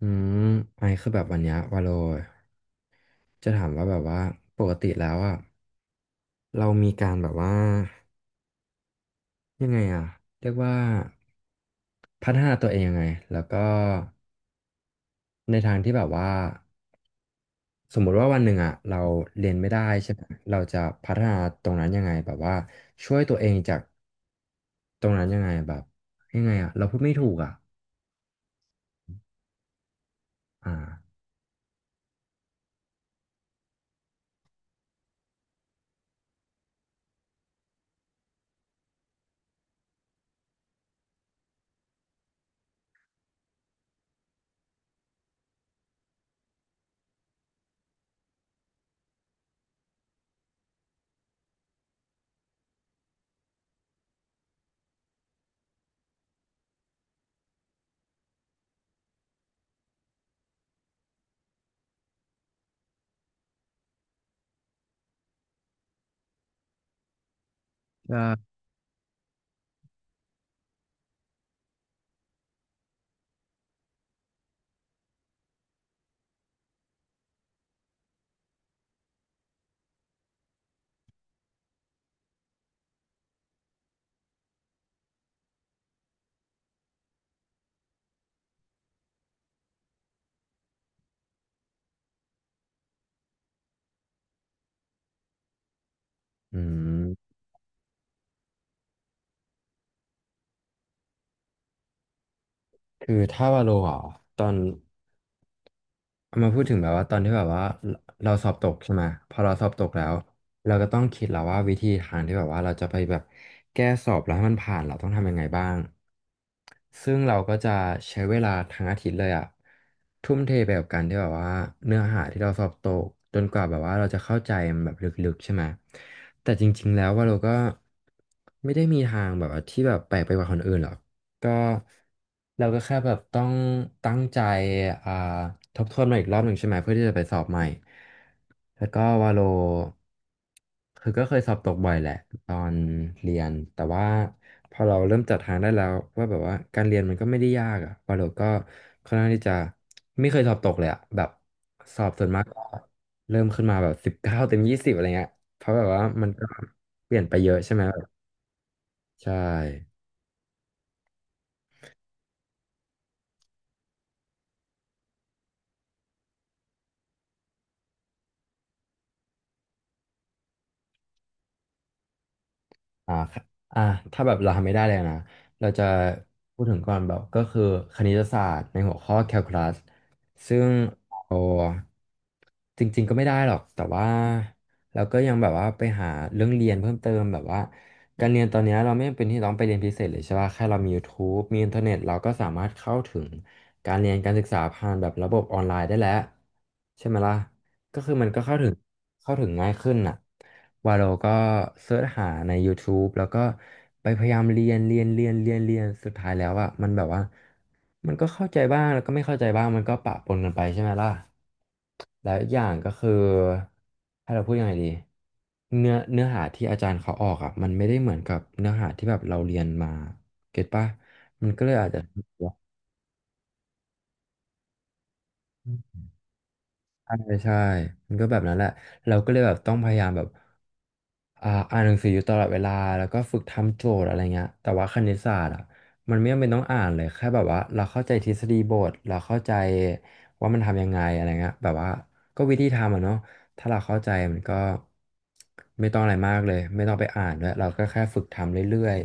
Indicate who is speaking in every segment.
Speaker 1: อืมไอคือแบบวันเนี้ยวาโลจะถามว่าแบบว่าปกติแล้วอ่ะเรามีการแบบว่ายังไงอ่ะเรียกว่าพัฒนาตัวเองยังไงแล้วก็ในทางที่แบบว่าสมมุติว่าวันหนึ่งอ่ะเราเรียนไม่ได้ใช่ไหมเราจะพัฒนาตรงนั้นยังไงแบบว่าช่วยตัวเองจากตรงนั้นยังไงแบบยังไงอ่ะเราพูดไม่ถูกอ่ะอ่าอืมคือถ้าวาโลอ่ะตอน เอามาพูดถึงแบบว่าตอนที่แบบว่าเราสอบตกใช่ไหมพอเราสอบตกแล้วเราก็ต้องคิดแล้วว่าวิธีทางที่แบบว่าเราจะไปแบบแก้สอบแล้วให้มันผ่านเราต้องทำยังไงบ้างซึ่งเราก็จะใช้เวลาทั้งอาทิตย์เลยอะทุ่มเทไปกับการที่แบบว่าเนื้อหาที่เราสอบตกจนกว่าแบบว่าเราจะเข้าใจมันแบบลึกๆใช่ไหมแต่จริงๆแล้วว่าเราก็ไม่ได้มีทางแบบว่าที่แบบแปลกไปกว่าคนอื่นหรอก ก็เราก็แค่แบบต้องตั้งใจอ่าทบทวนมาอีกรอบหนึ่งใช่ไหมเพื่อที่จะไปสอบใหม่แล้วก็วาโลคือก็เคยสอบตกบ่อยแหละตอนเรียนแต่ว่าพอเราเริ่มจัดทางได้แล้วว่าแบบว่าการเรียนมันก็ไม่ได้ยากอะวาโลก็ค่อนข้างที่จะไม่เคยสอบตกเลยอะแบบสอบส่วนมากก็เริ่มขึ้นมาแบบ19 เต็ม 20อะไรเงี้ยเพราะแบบว่ามันก็เปลี่ยนไปเยอะใช่ไหมใช่ อ่าครับอ่าถ้าแบบเราทำไม่ได้เลยนะเราจะพูดถึงก่อนแบบก็คือคณิตศาสตร์ในหัวข้อแคลคูลัสซึ่งเราจริงๆก็ไม่ได้หรอกแต่ว่าเราก็ยังแบบว่าไปหาเรื่องเรียนเพิ่มเติมแบบว่าการเรียนตอนเนี้ยเราไม่จำเป็นที่ต้องไปเรียนพิเศษเลยใช่ป่ะแค่เรามี YouTube มีอินเทอร์เน็ตเราก็สามารถเข้าถึงการเรียนการศึกษาผ่านแบบระบบออนไลน์ได้แล้วใช่ไหมล่ะ ก็คือมันก็เข้าถึงง่ายขึ้นน่ะวาโลก็เสิร์ชหาใน YouTube แล้วก็ไปพยายามเรียนเรียนเรียนเรียนเรียนสุดท้ายแล้วอ่ะมันแบบว่ามันก็เข้าใจบ้างแล้วก็ไม่เข้าใจบ้างมันก็ปะปนกันไปใช่ไหมล่ะแล้วอีกอย่างก็คือให้เราพูดยังไงดีเนื้อหาที่อาจารย์เขาออกอ่ะมันไม่ได้เหมือนกับเนื้อหาที่แบบเราเรียนมาเก็ตป่ะมันก็เลยอาจจะ ใช่ใช่มันก็แบบนั้นแหละ เราก็เลยแบบต้องพยายามแบบอ่านหนังสืออยู่ตลอดเวลาแล้วก็ฝึกทำโจทย์อะไรเงี้ยแต่ว่าคณิตศาสตร์อ่ะมันไม่จำเป็นต้องอ่านเลยแค่แบบว่าเราเข้าใจทฤษฎีบทเราเข้าใจว่ามันทำยังไงอะไรเงี้ยแบบว่าก็วิธีทำอ่ะเนาะถ้าเราเข้าใจมันก็ไม่ต้องอะไรมากเลย ไม่ต้องไปอ่านด้วยเราก็แค่ฝึกทำเรื่อย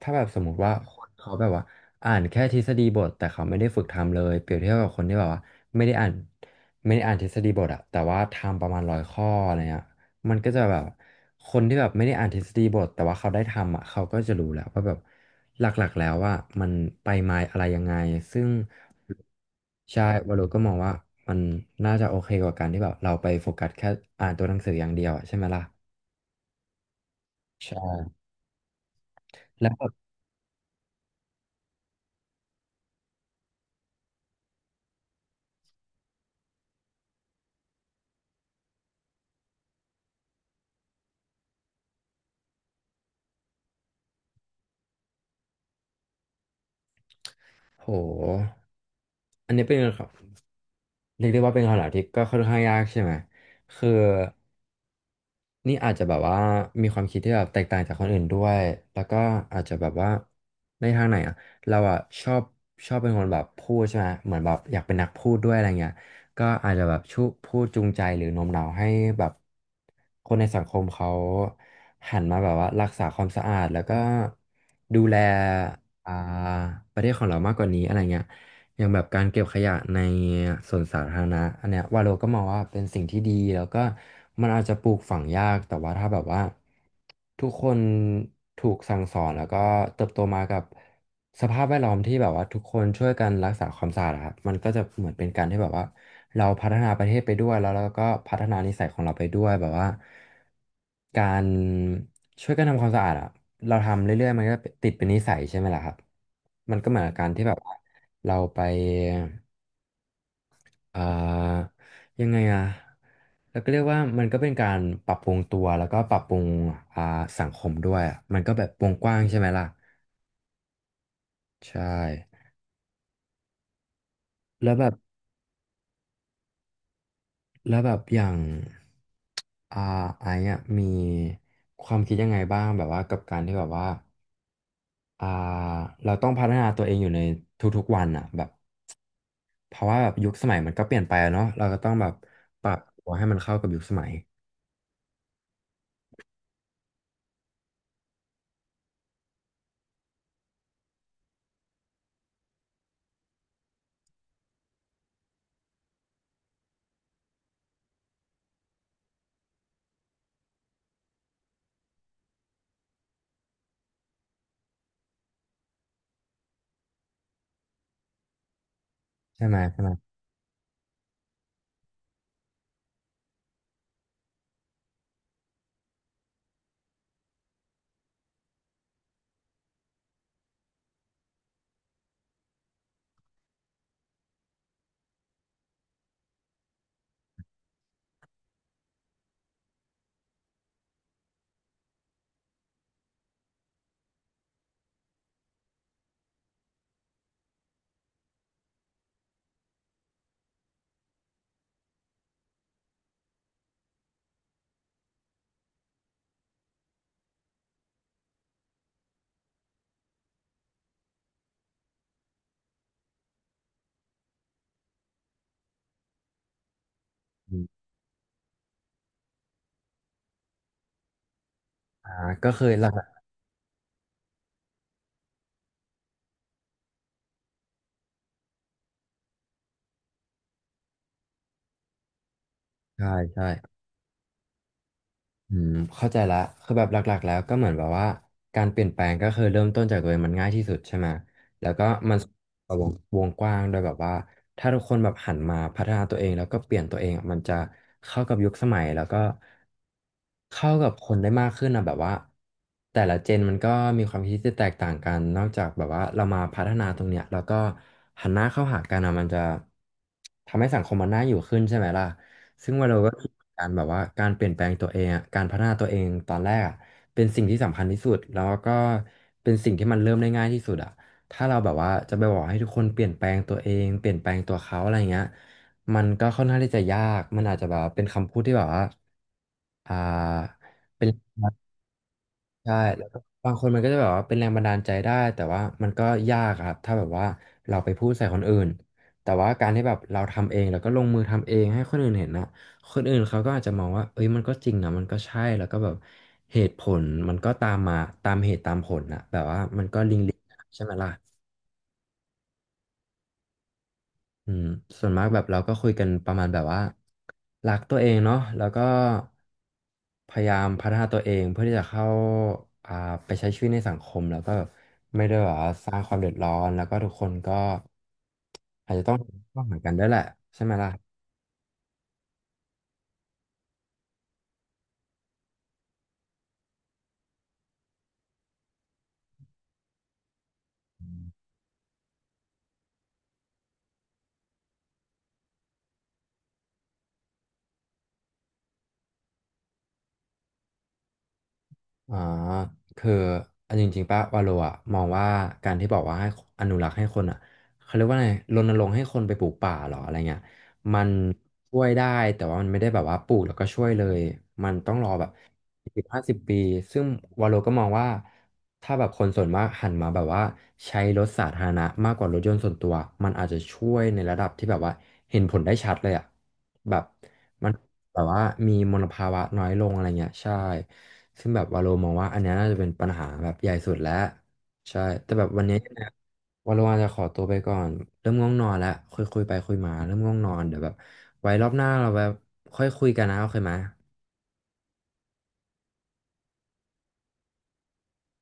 Speaker 1: ถ้าแบบสมมุติว่าคนเขาแบบว่าอ่านแค่ทฤษฎีบทแต่เขาไม่ได้ฝึกทำเลยเปรียบเทียบกับคนที่แบบว่าไม่ได้อ่านไม่ได้อ่านทฤษฎีบทอะแต่ว่าทำประมาณ100 ข้ออะไรเงี้ยมันก็จะแบบคนที่แบบไม่ได้อ่านทฤษฎีบทแต่ว่าเขาได้ทำอะเขาก็จะรู้แล้วว่าแบบหลักๆแล้วว่ามันไปมาอะไรยังไงซึ่งใช่วารลก็มองว่ามันน่าจะโอเคกว่าการที่แบบเราไปโฟกัสแค่อ่านตัวหนังสืออย่างเดียวอะใช่ไหมล่ะใช่แล้วแบบโหอันนี้เป็นไงครับ เรียกได้ว่าเป็นคำถามที่ก็ค่อนข้างยากใช่ไหม คือนี่อาจจะแบบว่ามีความคิดที่แบบแตกต่างจากคนอื่นด้วย แล้วก็อาจจะแบบว่าในทางไหนอ่ะเราอ่ะชอบเป็นคนแบบพูดใช่ไหมเหมือนแบบอยากเป็นนักพูดด้วยอะไรเงี้ยก็อาจจะแบบชูพูดจูงใจหรือโน้มน้าวให้แบบคนในสังคมเขาหันมาแบบว่ารักษาความสะอาดแล้วก็ดูแลอ่าประเทศของเรามากกว่านี้อะไรเงี้ย อย่างแบบการเก็บขยะในสวนสาธารณะอันเนี้ยวาโลก็มองว่าเป็นสิ่งที่ดีแล้วก็มันอาจจะปลูกฝังยากแต่ว่าถ้าแบบว่าทุกคนถูกสั่งสอนแล้วก็เติบโตมากับสภาพแวดล้อมที่แบบว่าทุกคนช่วยกันรักษาความสะอาดอะครับมันก็จะเหมือนเป็นการที่แบบว่าเราพัฒนาประเทศไปด้วยแล้วเราก็พัฒนานิสัยของเราไปด้วยแบบว่าการ ช่วยกันทำความสะอาดอะเราทำเรื่อยๆมันก็ติดเป็นนิสัยใช่ไหมล่ะครับมันก็เหมือนกับการที่แบบว่าเราไปเอ่อยังไงอะเราก็เรียกว่ามันก็เป็นการปรับปรุงตัวแล้วก็ปรับปรุงอ่าสังคมด้วยอะมันก็แบบวงกว้างใช่ไหมล่ะใช่แล้วแบบแล้วแบบอย่างอ่าไอ้อะมีความคิดยังไงบ้างแบบว่ากับการที่แบบว่าอ่าเราต้องพัฒนาตัวเองอยู่ในทุกๆวันอ่ะแบบ เพราะว่าแบบยุคสมัยมันก็เปลี่ยนไปอะเนาะเราก็ต้องแบบปรับตัวให้มันเข้ากับยุคสมัยใช่ไหมใช่ไหมอมอ่าก็เคยหลักๆใช่ใช่ อืมเข้าใจละคือแบบหลักๆแล้วก็เหมือนแบบว่าการเปลี่ยนแปลงก็คือเริ่มต้นจากตัวเองมันง่ายที่สุดใช่ไหมแล้วก็มันวงวงกว้างโดยแบบว่าถ้าทุกคนแบบหันมาพัฒนาตัวเองแล้วก็เปลี่ยนตัวเองอะมันจะเข้ากับยุคสมัยแล้วก็เข้ากับคนได้มากขึ้นนะแบบว่าแต่ละเจนมันก็มีความคิดที่แตกต่างกันนอกจากแบบว่าเรามาพัฒนาตรงเนี้ยแล้วก็หันหน้าเข้าหากันอะมันจะทำให้สังคมมันน่าอยู่ขึ้นใช่ไหมล่ะ ซึ่งวันเราก็คิดเหมือนการแบบว่าการเปลี่ยนแปลงตัวเองอะการพัฒนาตัวเองตอนแรกอะเป็นสิ่งที่สำคัญที่สุดแล้วก็เป็นสิ่งที่มันเริ่มได้ง่ายที่สุดอะถ้าเราแบบว่าจะไปบอกให้ทุกคนเปลี่ยนแปลงตัวเองเปลี่ยนแปลงตัวเขาอะไรเงี้ยมันก็ค่อนข้างที่จะยากมันอาจจะแบบว่าเป็นคำพูดที่แบบว่าอ่าเป็น ใช่แล้วก็บางคนมันก็จะแบบว่าเป็นแรงบันดาลใจได้แต่ว่ามันก็ยากอะครับถ้าแบบว่าเราไปพูดใส่คนอื่นแต่ว่าการที่แบบเราทำเองแล้วก็ลงมือทำเองให้คนอื่นเห็นนะคนอื่นเขาก็อาจจะมองว่าเอ้ยมันก็จริงนะมันก็ใช่แล้วก็แบบเหตุผลมันก็ตามมาตามเหตุตามผลนะแบบว่ามันก็ลิงใช่ไหมล่ะ อืมส่วนมากแบบเราก็คุยกันประมาณแบบว่ารักตัวเองเนาะแล้วก็พยายามพัฒนาตัวเองเพื่อที่จะเข้าอ่าไปใช้ชีวิตในสังคมแล้วก็ไม่ได้แบบว่าสร้างความเดือดร้อนแล้วก็ทุกคนก็อาจจะต้องเข้าหากันด้วยแหละใช่ไหมล่ะ อ๋อคืออันจริงๆป่ะวาโลอะมองว่าการที่บอกว่าให้อนุรักษ์ให้คนอะเขาเรียกว่าไงรณรงค์ให้คนไปปลูกป่าเหรออะไรเงี้ยมันช่วยได้แต่ว่ามันไม่ได้แบบว่าปลูกแล้วก็ช่วยเลยมันต้องรอแบบ10-15 ปีซึ่งวาโลก็มองว่าถ้าแบบคนส่วนมากหันมาแบบว่าใช้รถสาธารณะมากกว่ารถยนต์ส่วนตัวมันอาจจะช่วยในระดับที่แบบว่าเห็นผลได้ชัดเลยอะแบบมันแบบว่ามีมลภาวะน้อยลงอะไรเงี้ยใช่ ซึ่งแบบวาโลมองว่าอันเนี้ยน่าจะเป็นปัญหาแบบใหญ่สุดแล้วใช่แต่แบบวันเนี้ยยังไงวาโลอาจจะขอตัวไปก่อนเริ่มง่วงนอนแล้วคุยไปคุยมาเริ่มง่วงนอนเดี๋ยวแบบไว้รอบหน้าเราแบบค่อยคุยกันนะโอเคไหม